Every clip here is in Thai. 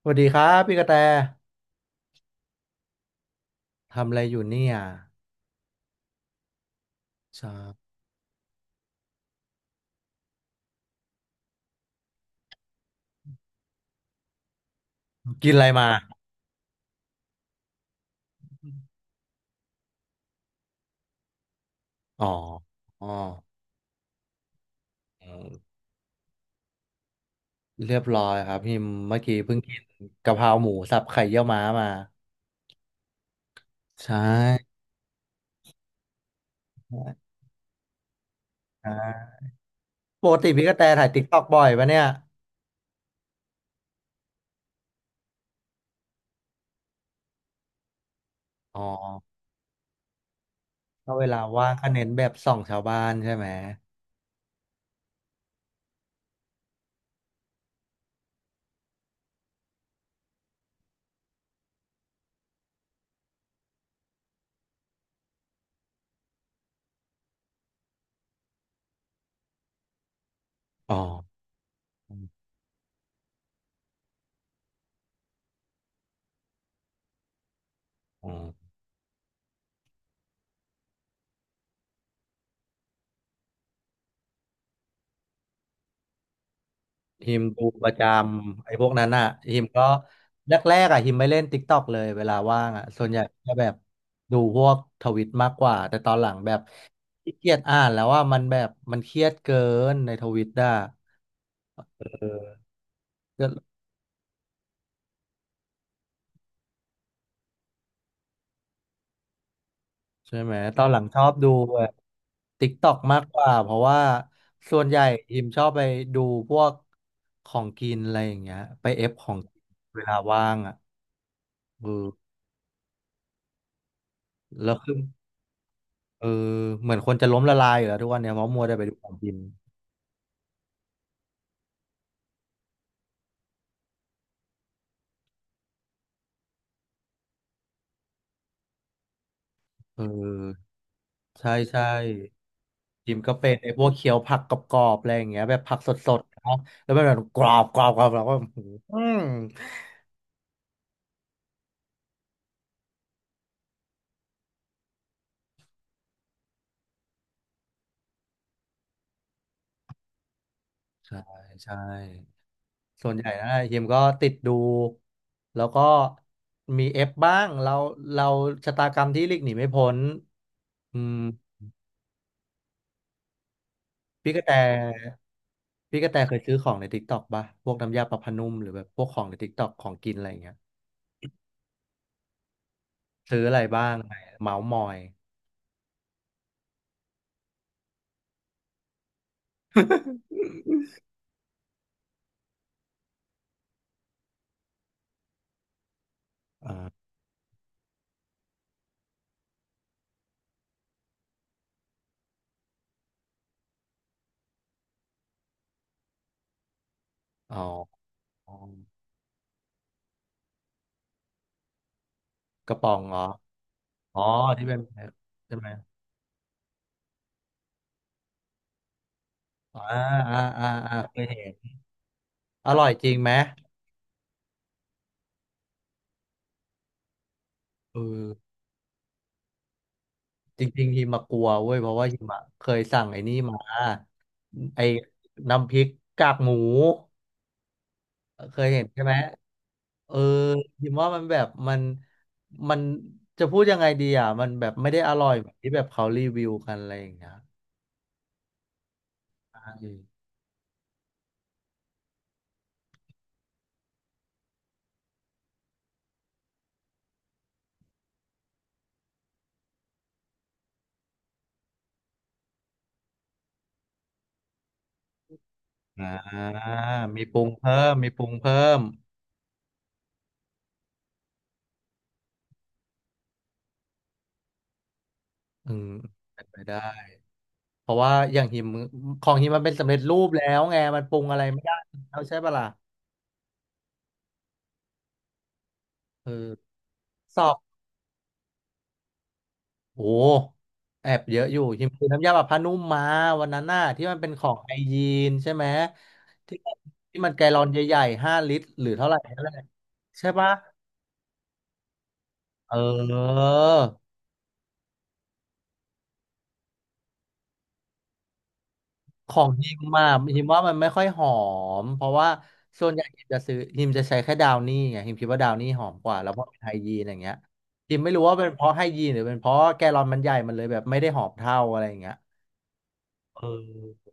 สวัสดีครับพี่กระแตทำอะไรอยู่เนี่ยจะกินอะไรมาอ๋ออ๋อเออเรียบร้อยครับพี่เมื่อกี้เพิ่งกินกะเพราหมูสับไข่เยี่ยวม้ามาใช่อ่าปกติพี่กระแตถ่ายติ๊กต็อกบ่อยปะเนี่ยอ๋อถ้าเวลาว่างก็เน้นแบบส่องชาวบ้านใช่ไหมอ๋ออ๋อ ฮิมดูประจำไอ้พวกนั้นอ่ะฮิมก็แรกๆอ่ะฮิมไม่เล่น t ิ k กต k อกเลยเวลาว่างอ่ะส่วนใหญ่ก็แบบดูพวกทวิตมากกว่าแต่ตอนหลังแบบขี้เกียจอ่านแล้วว่ามันแบบมันเครียดเกินในทวิตอ่ะเออก็ใช่ไหมตอนหลังชอบดูแบบ t ิ k กตอกมากกว่าเพราะว่าส่วนใหญ่ฮิมชอบไปดูพวกของกินอะไรอย่างเงี้ยไปเอฟของกินเวลาว่างอ่ะเออแล้วคือ เออเหมือนคนจะล้มละลายอยู่แล้วทุกวันเนี่ยเพราะมัวแต่ไปดูของกินเออใช่ใช่จิมก็เป็นไอ้พวกเคี้ยวผักกรอบๆอะไรอย่างเงี้ยแบบผักสดๆเนาะแล้วมันแบบกรอบแล้วก็อือหือใช่ใช่ส่วนใหญ่นะจิมก็ติดดูแล้วก็มีเอฟบ้างเราชะตากรรมที่หลีกหนีไม่พ้นอืมพี่กระแตพี่กระแตเคยซื้อของใน t ิ k กต k อกป่ะพวกน้ำยาปรับผ้านุ่มหรือแบบพวกของใน t ิ k กต็อกของกินอะไรอย่างเงี้ย ซื้ออะไรบ้างไหนเมาส์มอยอ่าอ๋อกระป๋องเหรออ๋อที่เป็นใช่ไหมอาอ่าเคยเห็นอร่อยจริงไหมเออจริงๆฮิมากลัวเว้ยเพราะว่าฮิมอะเคยสั่งไอ้นี่มาไอ้น้ำพริกกากหมูเคยเห็นใช่ไหมเออฮิมว่ามันแบบมันมันจะพูดยังไงดีอ่ะมันแบบไม่ได้อร่อยแบบที่แบบเขารีวิวกันอะไรอย่างเงี้ย อ่ามีปรุงเพิ่มอืมเป็นไปได้เพราะว่าอย่างหิมของหิมมันเป็นสำเร็จรูปแล้วไงมันปรุงอะไรไม่ได้แล้วใช่ปะล่ะเออสอบโอ้แอบเยอะอยู่หิมคือน้ำยาปรับผ้านุ่มมาวันนั้นน่ะที่มันเป็นของไอยีนใช่ไหมที่มันที่มันแกลลอนใหญ่ๆห้าลิตรหรือเท่าไหร่นั่นแหละใช่ปะเออ ของฮิมมาฮิมว่ามันไม่ค่อยหอมเพราะว่าส่วนใหญ่ฮิมจะซื้อฮิมจะใช้แค่ดาวนี่ไงฮิมคิดว่าดาวนี่หอมกว่าแล้วพอเป็นไฮยีนอย่างเงี้ยฮิมไม่รู้ว่าเป็นเพราะไฮยีนหรือเป็นเพราะแกลลอนมันใหญ่มันเลยแบบไม่ได้หอมเท่าอะไรอย่างเงี้ยเออ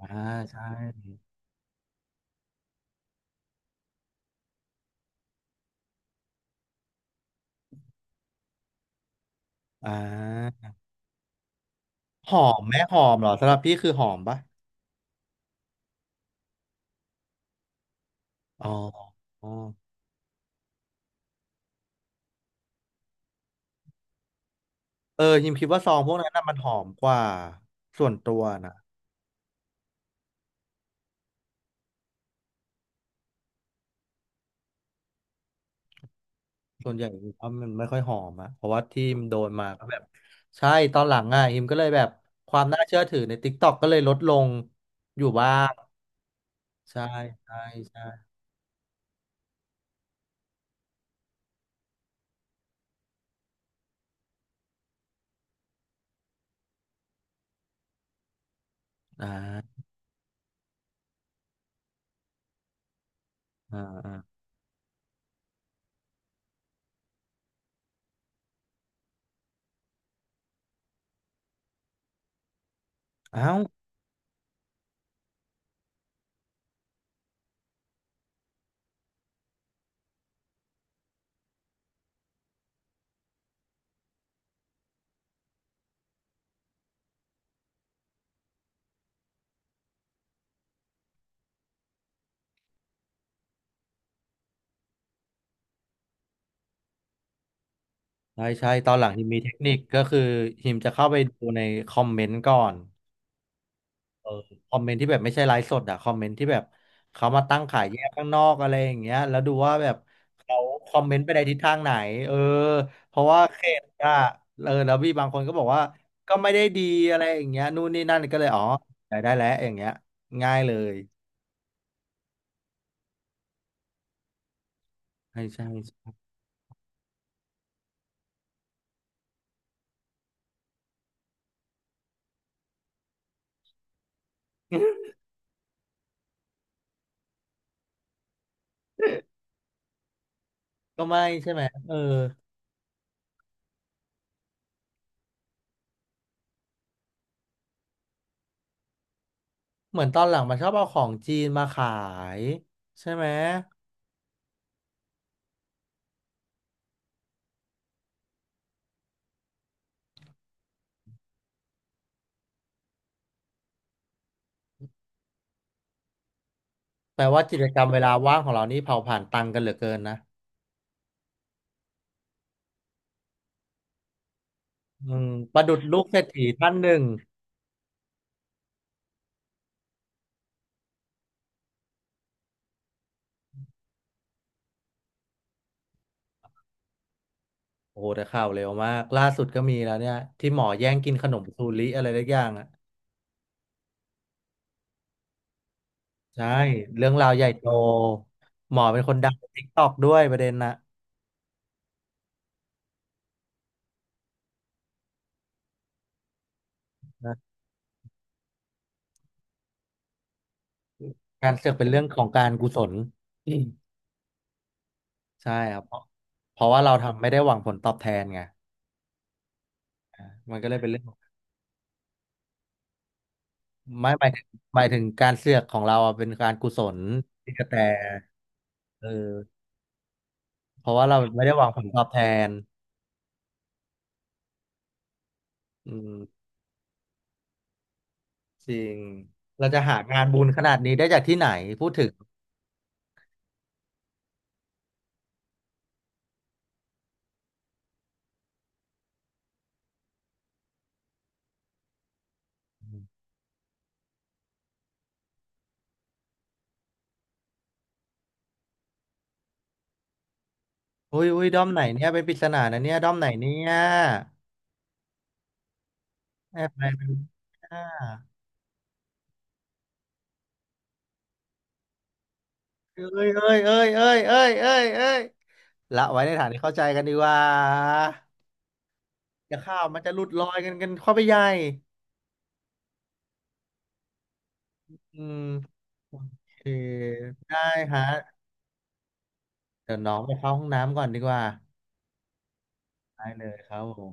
อ่าใช่อ่าหอมไหมหอมเหรอสำหรับพี่คือหอมปะอ๋ออ๋อเออฮิมคิดว่าซองพวกนั้นน่ะมันหอมกว่าส่วนตัวนะ ส่วนใหญ่อิมว่ามันไม่ค่อยหอมอะเพราะว่าที่มันโดนมาก็แบบใช่ตอนหลังอ่ะอิมก็เลยแบบความน่าเชื่อถือใน TikTok ก็เลยลดลงอยู่บ้างใช่ใช่ใช่อ่าอ่าอ่าเอ้าวใช่ใช่ตอนหลังฮิมมีเทคนิคก็คือฮิมจะเข้าไปดูในคอมเมนต์ก่อน เออคอมเมนต์ที่แบบไม่ใช่ไลฟ์สดอะคอมเมนต์ที่แบบเขามาตั้งขายแยกข้างนอกอะไรอย่างเงี้ยแล้วดูว่าแบบเขาคอมเมนต์ไปในทิศทางไหนเออเพราะว่าเขตอะเออแล้วพี่บางคนก็บอกว่าก็ไม่ได้ดีอะไรอย่างเงี้ยนู่นนี่นั่นก็เลยอ๋อได้ได้แล้วอย่างเงี้ยง่ายเลยใช่ใช่ก็ไม่ใช่ไหมเออเหมือนตอนหลังมันชอบเอาของจีนมาขายใช่ไหมแปลว่ากิจกรรมเวลาว่างของเรานี่เผาผ่านตังค์กันเหลือเกินนะอืมประดุจลูกเศรษฐีท่านหนึ่ง โอ้โหแต่ข่าวเร็วมากล่าสุดก็มีแล้วเนี่ยที่หมอแย่งกินขนมซูริอะไรสักอย่างอ่ะใช่เรื่องราวใหญ่โตหมอเป็นคนดังติกตอกด้วยประเด็นนะนะการเสือกเป็นเรื่องของการกุศลอืมใช่ครับเพราะเพราะว่าเราทำไม่ได้หวังผลตอบแทนไงมันก็เลยเป็นเรื่องของไม่หมายถึงหมายถึงการเสือกของเราอะเป็นการกุศลที่กระแตเออเพราะว่าเราไม่ได้หวังผลตอบแทนอืมจริงเราจะหางานบุญขนาดนี้ได้จากที่ไหนพูดถึง อุ้ยอุ้ยด้อมไหนเนี่ยเป็นปริศนานะเนี่ยด้อมไหนเนี่ยแอบไปเป็นอ่าเอ้ยเอ้ยเอ้ยเอ้ยเอ้ยเอ้ยเอ้ยละไว้ในฐานที่เข้าใจกันดีกว่าจะข้าวมันจะหลุดลอยกันเข้าไปใหญ่อืมโอเคได้ฮะเดี๋ยวน้องไปเข้าห้องน้ำก่อนดีกว่าได้เลยครับผม